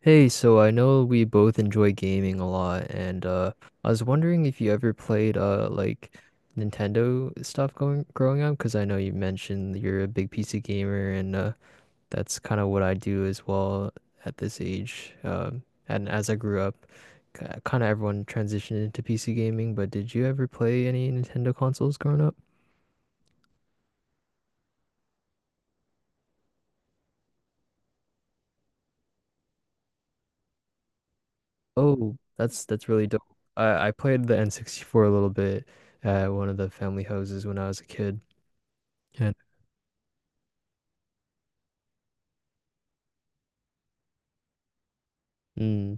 Hey, so I know we both enjoy gaming a lot, and I was wondering if you ever played like Nintendo stuff going growing up, because I know you mentioned you're a big PC gamer, and that's kind of what I do as well at this age. And as I grew up, kind of everyone transitioned into PC gaming. But did you ever play any Nintendo consoles growing up? Oh, that's really dope. I played the N64 a little bit at one of the family houses when I was a kid. And Mm.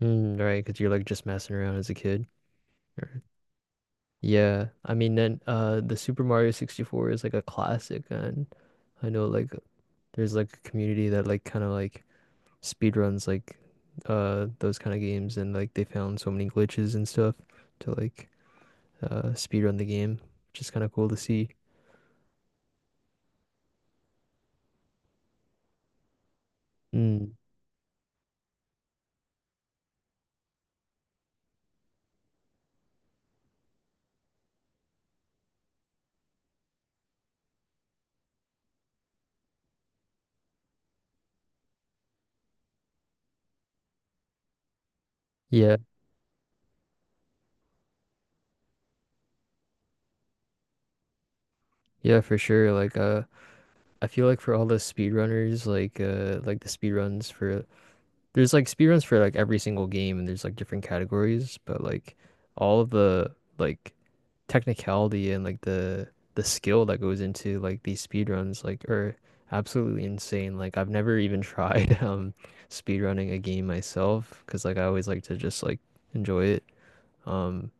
Mm, right, because you're like just messing around as a kid. Or- Yeah, I mean, then the Super Mario 64 is like a classic, and I know like there's like a community that like kind of like speed runs like those kind of games, and like they found so many glitches and stuff to like speed run the game, which is kind of cool to see. Mm. Yeah, yeah, for sure. Like I feel like for all the speed runners, like the speed runs for there's like speedruns for like every single game and there's like different categories, but like all of the like technicality and like the skill that goes into like these speedruns like are absolutely insane. Like I've never even tried speedrunning a game myself because like I always like to just like enjoy it. Um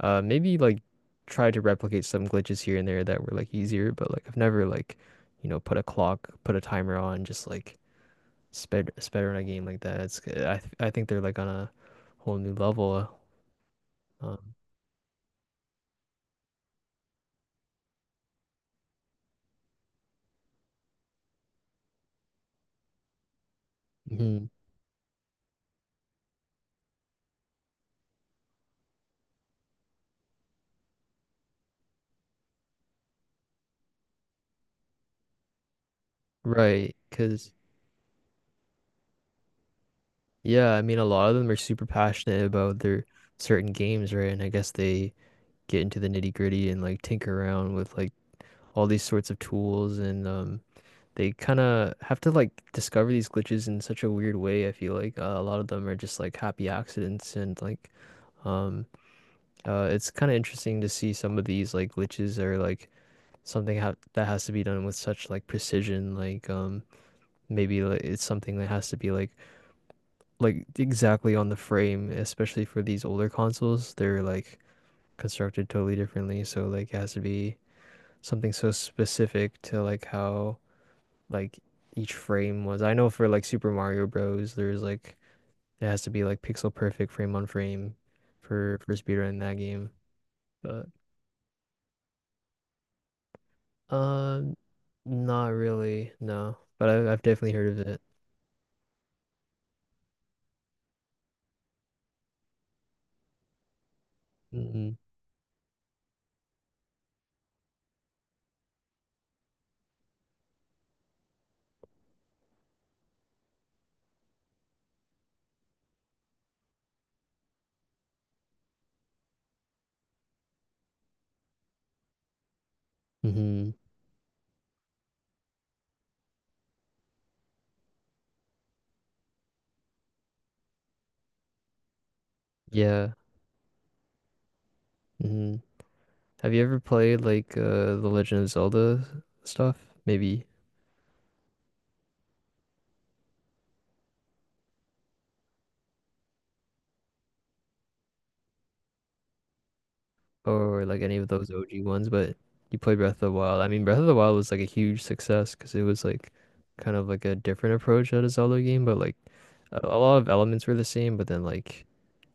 Maybe like try to replicate some glitches here and there that were like easier, but like I've never like you know put a clock, put a timer on, just like it's better, in a game like that. It's I think they're like on a whole new level. Um, mhm. Right, because yeah, I mean a lot of them are super passionate about their certain games, right? And I guess they get into the nitty gritty and like tinker around with like all these sorts of tools, and they kind of have to like discover these glitches in such a weird way. I feel like a lot of them are just like happy accidents and like. Um, it's kind of interesting to see some of these like glitches are like something ha that has to be done with such like precision like maybe like, it's something that has to be like exactly on the frame, especially for these older consoles. They're like constructed totally differently, so like it has to be something so specific to like how like each frame was. I know for like Super Mario Bros there's like it has to be like pixel perfect frame on frame for speedrun in that game but um not really no, but I've definitely heard of it. Hmm. Hmm. Yeah. Hmm. Have you ever played like The Legend of Zelda stuff? Maybe. Or like any of those OG ones, but you played Breath of the Wild. I mean, Breath of the Wild was like a huge success because it was like kind of like a different approach at a Zelda game, but like a lot of elements were the same, but then like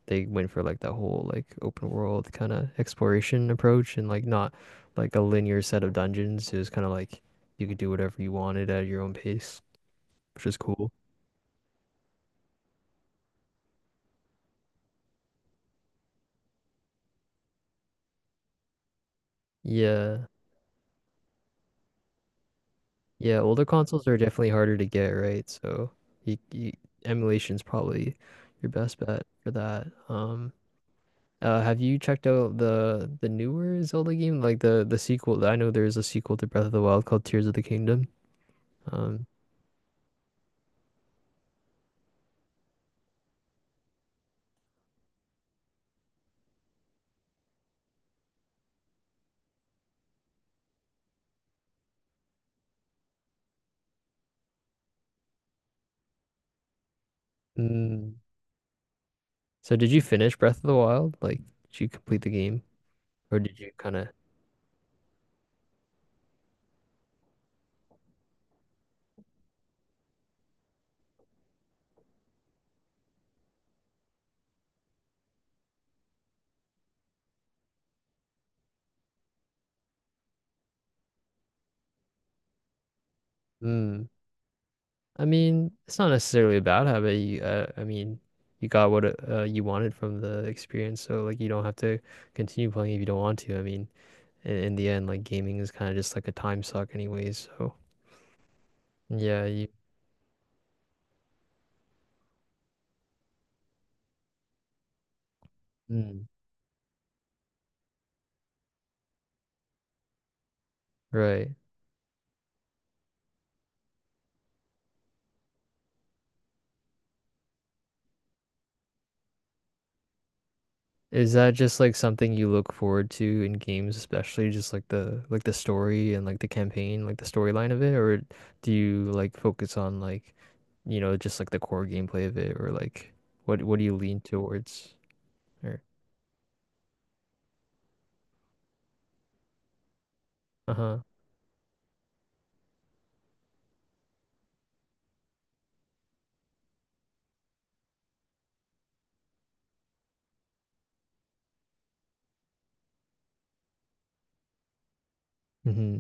they went for like that whole like open world kind of exploration approach and like not like a linear set of dungeons. It was kind of like you could do whatever you wanted at your own pace, which is cool. Yeah. Yeah, older consoles are definitely harder to get, right? So you, you, emulation's probably your best bet for that. Have you checked out the newer Zelda game, like the sequel? I know there's a sequel to Breath of the Wild called Tears of the Kingdom. Um, mm, so did you finish Breath of the Wild? Like, did you complete the game, or did you kind of? Mm, I mean, it's not necessarily a bad habit. I mean, you got what you wanted from the experience, so like you don't have to continue playing if you don't want to. I mean, in the end, like gaming is kind of just like a time suck anyways. So yeah, you mm, right. Is that just like something you look forward to in games, especially just like the story and like the campaign, like the storyline of it, or do you like focus on like, you know, just like the core gameplay of it, or like what do you lean towards? Or uh-huh. Mm-hmm.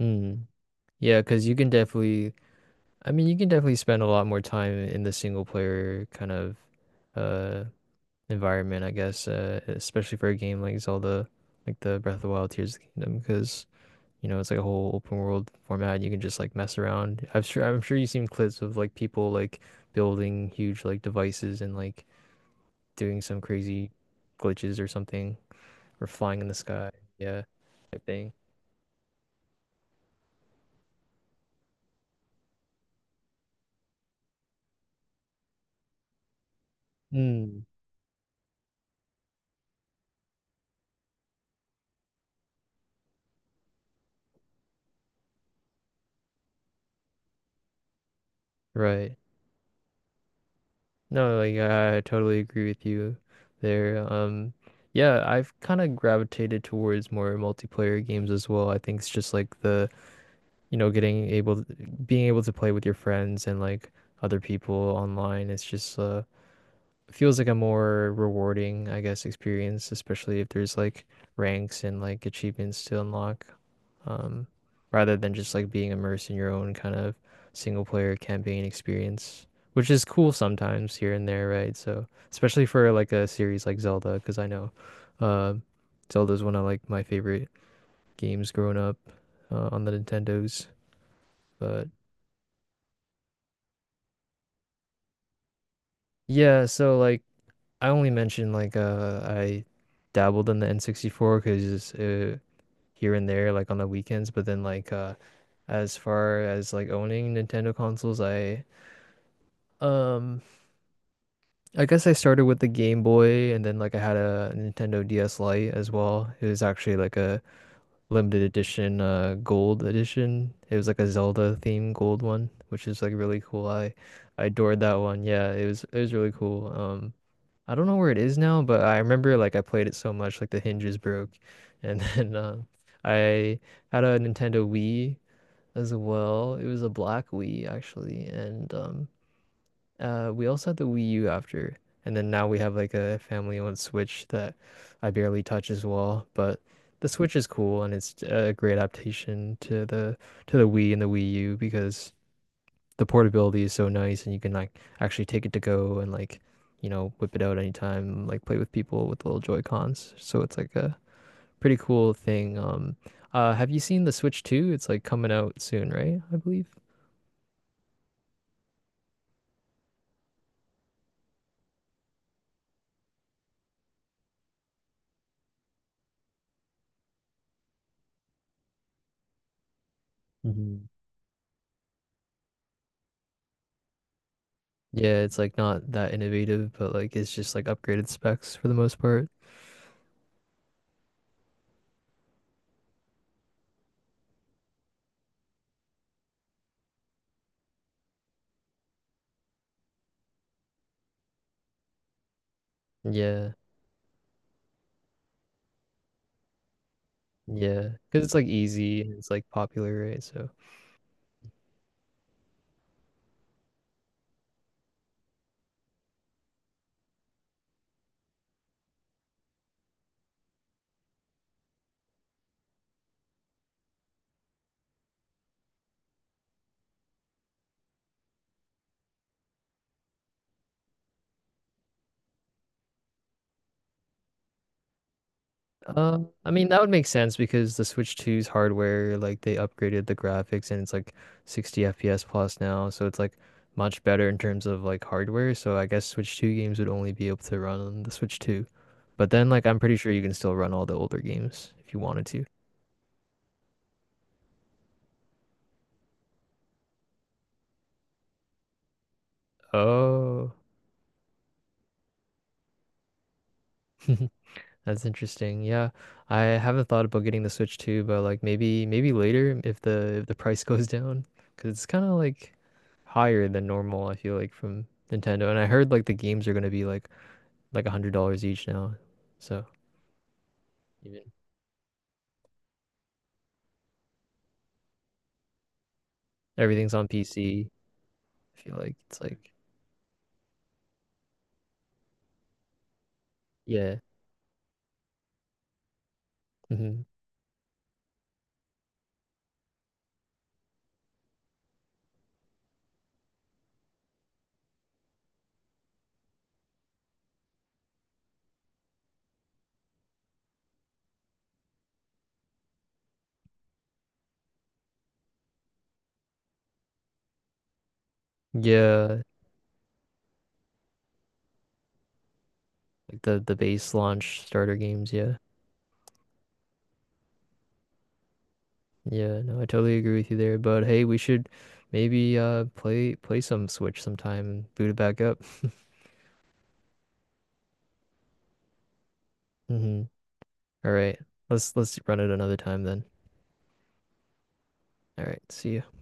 Mm. Yeah, 'cause you can definitely you can definitely spend a lot more time in the single player kind of uh environment, I guess, especially for a game like Zelda, like the Breath of the Wild, Tears of the Kingdom, because you know it's like a whole open world format. You can just like mess around. I'm sure you've seen clips of like people like building huge like devices and like doing some crazy glitches or something, or flying in the sky, yeah, type thing. Mm. Right. No, like I totally agree with you there. Yeah, I've kind of gravitated towards more multiplayer games as well. I think it's just like the you know, getting able being able to play with your friends and like other people online, it's just feels like a more rewarding, I guess, experience, especially if there's like ranks and like achievements to unlock, um, rather than just like being immersed in your own kind of single player campaign experience, which is cool sometimes here and there, right? So especially for like a series like Zelda, because I know, uh, Zelda's one of like my favorite games growing up, on the Nintendos, but. Yeah, so like I only mentioned like I dabbled in the N64 because here and there like on the weekends, but then like as far as like owning Nintendo consoles, um I guess I started with the Game Boy and then like I had a Nintendo DS Lite as well. It was actually like a limited edition gold edition. It was like a Zelda themed gold one, which is like really cool. I adored that one. Yeah, it was really cool. I don't know where it is now, but I remember like I played it so much, like the hinges broke. And then I had a Nintendo Wii as well. It was a black Wii actually, and we also had the Wii U after. And then now we have like a family-owned Switch that I barely touch as well. But the Switch is cool, and it's a great adaptation to the Wii and the Wii U because the portability is so nice, and you can like actually take it to go and like you know whip it out anytime, like play with people with little Joy Cons. So it's like a pretty cool thing. Have you seen the Switch 2? It's like coming out soon, right? I believe. Mhm. Yeah, it's like not that innovative, but like it's just like upgraded specs for the most part. Yeah, yeah, because it's like easy and it's like popular, right? So. Uh, I mean that would make sense because the Switch Two's hardware, like they upgraded the graphics and it's like 60 FPS plus now, so it's like much better in terms of like hardware. So I guess Switch 2 games would only be able to run on the Switch 2. But then like I'm pretty sure you can still run all the older games if you wanted to. Oh. That's interesting. Yeah, I haven't thought about getting the Switch too, but like maybe later if the price goes down, because it's kind of like higher than normal. I feel like from Nintendo, and I heard like the games are gonna be like $100 each now. So even everything's on PC. I feel like it's like yeah, hmm yeah, like the base launch starter games. Yeah, yeah. No, I totally agree with you there. But hey, we should maybe play some Switch sometime and boot it back up. Hmm. All right. Let's run it another time then. All right. See you.